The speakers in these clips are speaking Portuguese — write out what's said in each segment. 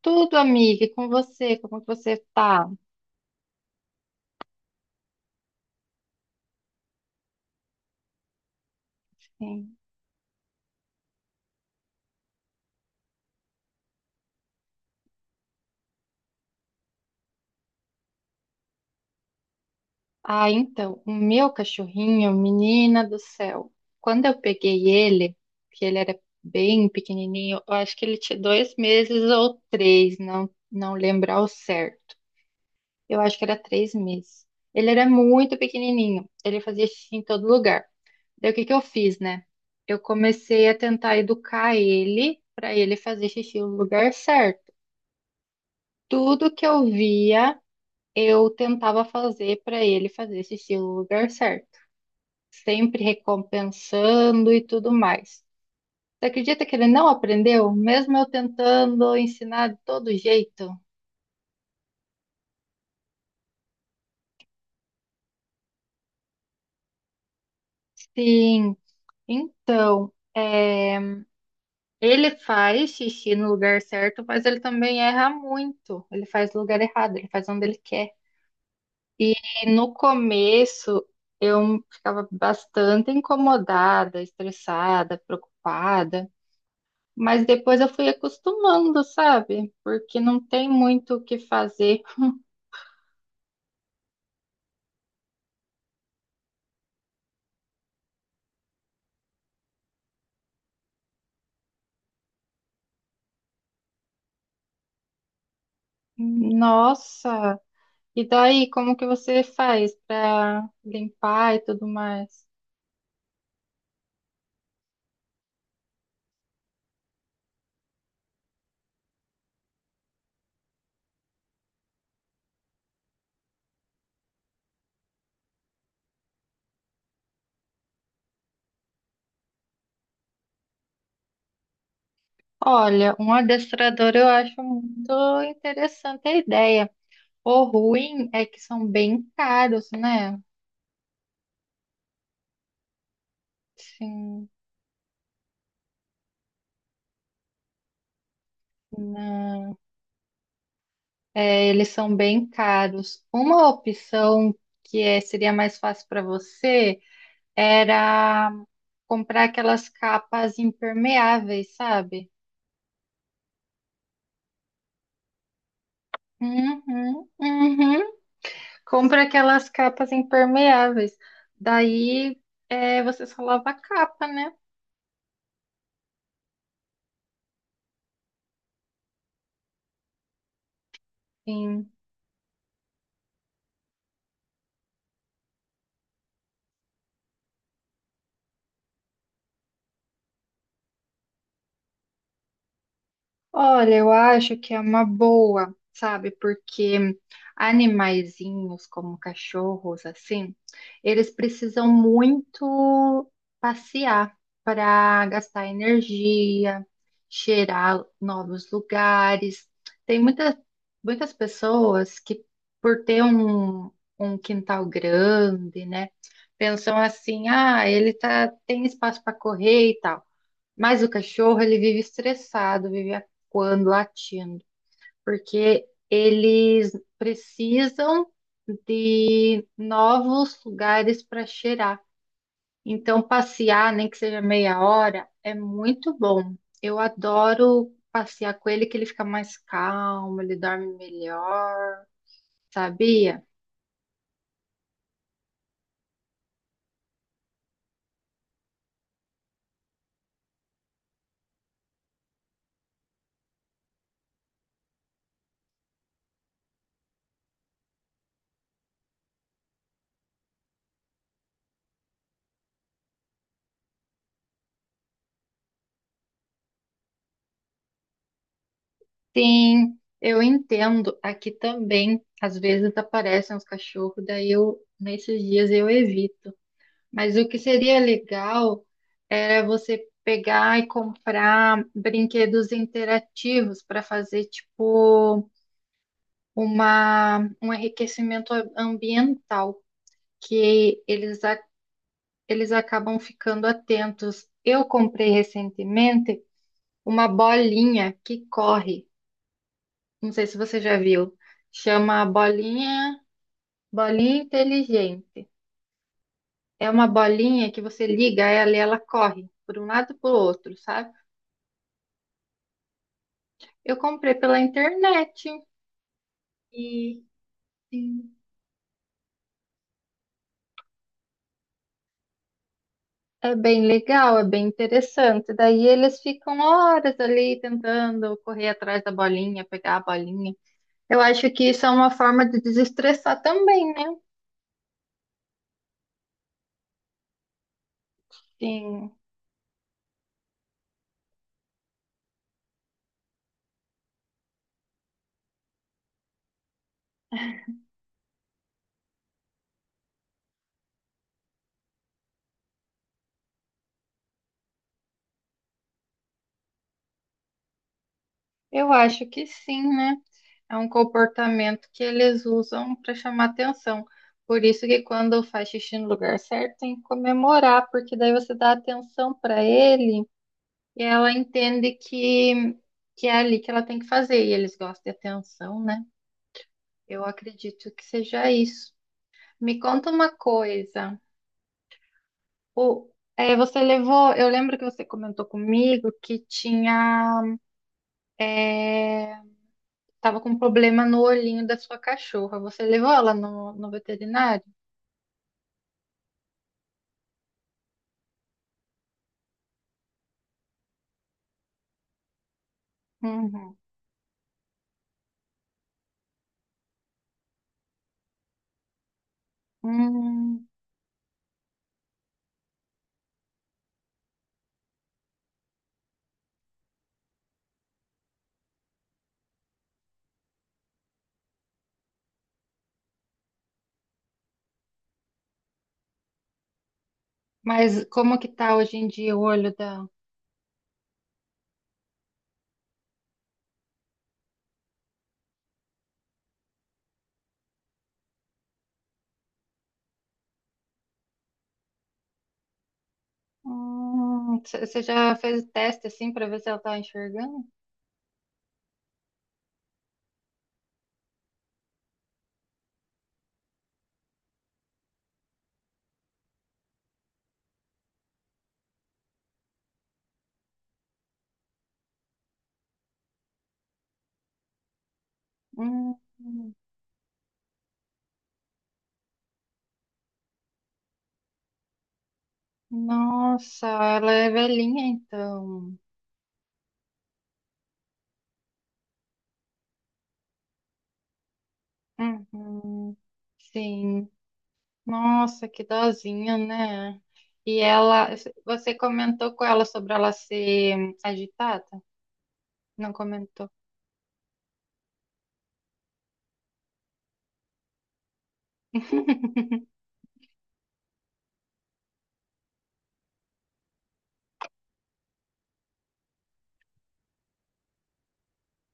Tudo, amiga, e com você, como que você tá? Sim. Ah, então, o meu cachorrinho, menina do céu, quando eu peguei ele, que ele era bem pequenininho, eu acho que ele tinha dois meses ou três, não, lembro ao certo. Eu acho que era três meses. Ele era muito pequenininho, ele fazia xixi em todo lugar. Daí o que que eu fiz, né? Eu comecei a tentar educar ele para ele fazer xixi no lugar certo. Tudo que eu via eu tentava fazer para ele fazer esse estilo lugar certo, sempre recompensando e tudo mais. Você acredita que ele não aprendeu, mesmo eu tentando ensinar de todo jeito? Sim, então, é, ele faz xixi no lugar certo, mas ele também erra muito. Ele faz no lugar errado, ele faz onde ele quer. E no começo, eu ficava bastante incomodada, estressada, preocupada. Mas depois eu fui acostumando, sabe? Porque não tem muito o que fazer. Nossa! E daí, como que você faz para limpar e tudo mais? Olha, um adestrador eu acho muito interessante a ideia. O ruim é que são bem caros, né? Sim, não. É, eles são bem caros. Uma opção seria mais fácil para você era comprar aquelas capas impermeáveis, sabe? Uhum, uhum. Compra aquelas capas impermeáveis. Daí é, você só lava a capa, né? Sim. Olha, eu acho que é uma boa, sabe? Porque animaizinhos como cachorros, assim, eles precisam muito passear para gastar energia, cheirar novos lugares. Tem muita, muitas pessoas que, por ter um, um quintal grande, né, pensam assim: ah, ele tá, tem espaço para correr e tal. Mas o cachorro, ele vive estressado, vive acuando, latindo, porque eles precisam de novos lugares para cheirar. Então, passear, nem que seja meia hora, é muito bom. Eu adoro passear com ele, que ele fica mais calmo, ele dorme melhor, sabia? Sim, eu entendo. Aqui também, às vezes aparecem os cachorros, daí eu, nesses dias eu evito. Mas o que seria legal era você pegar e comprar brinquedos interativos para fazer tipo uma, um enriquecimento ambiental, que eles, eles acabam ficando atentos. Eu comprei recentemente uma bolinha que corre. Não sei se você já viu. Chama bolinha, bolinha inteligente. É uma bolinha que você liga ela e ela corre por um lado e para o outro, sabe? Eu comprei pela internet e Sim. é bem legal, é bem interessante. Daí eles ficam horas ali tentando correr atrás da bolinha, pegar a bolinha. Eu acho que isso é uma forma de desestressar também, né? Sim, eu acho que sim, né? É um comportamento que eles usam para chamar atenção. Por isso que quando faz xixi no lugar certo, tem que comemorar, porque daí você dá atenção para ele. E ela entende que é ali que ela tem que fazer, e eles gostam de atenção, né? Eu acredito que seja isso. Me conta uma coisa. O, é, você levou, eu lembro que você comentou comigo que tinha, é, tava com problema no olhinho da sua cachorra. Você levou ela no, no veterinário? Uhum. Hum, mas como que tá hoje em dia o olho dela? Você já fez o teste assim para ver se ela tá enxergando? Hum. Hum. Nossa, ela é velhinha então. Uhum, sim. Nossa, que dozinha, né? E ela, você comentou com ela sobre ela ser agitada? Não comentou.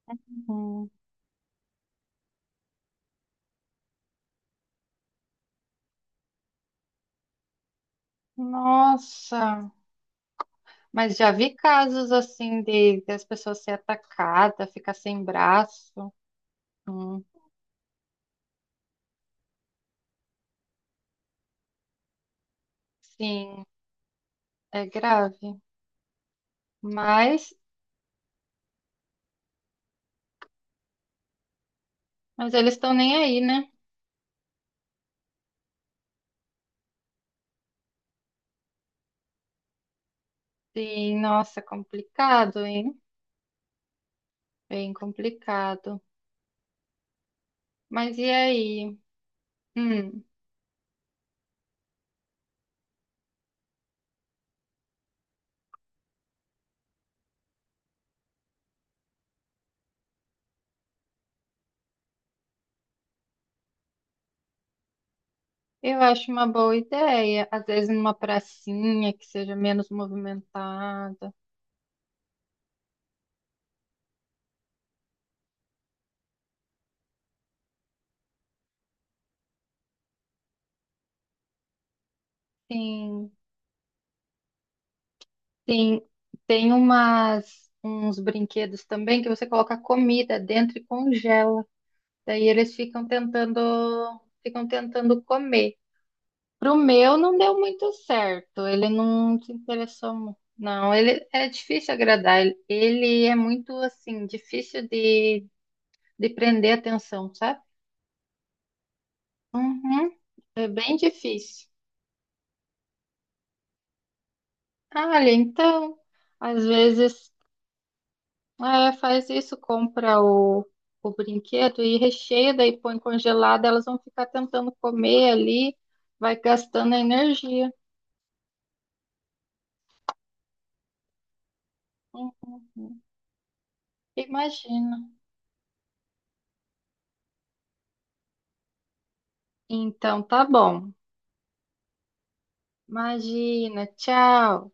Uhum. Nossa, mas já vi casos assim de as pessoas ser atacadas, ficar sem braço. Hum, Sim, é grave. Mas, eles estão nem aí, né? Sim, nossa, complicado, hein? Bem complicado. Mas e aí? Hum, eu acho uma boa ideia. Às vezes numa pracinha que seja menos movimentada. Sim, sim. Tem umas, uns brinquedos também que você coloca comida dentro e congela. Daí eles ficam tentando comer. Pro meu não deu muito certo. Ele não se interessou muito. Não, ele é difícil agradar. Ele é muito assim, difícil de prender a atenção, sabe? Uhum. É bem difícil. Ah, olha, então, às vezes, é, faz isso, compra o brinquedo e recheia, daí põe congelado, elas vão ficar tentando comer ali, vai gastando energia. Uhum. Imagina. Então, tá bom. Imagina. Tchau.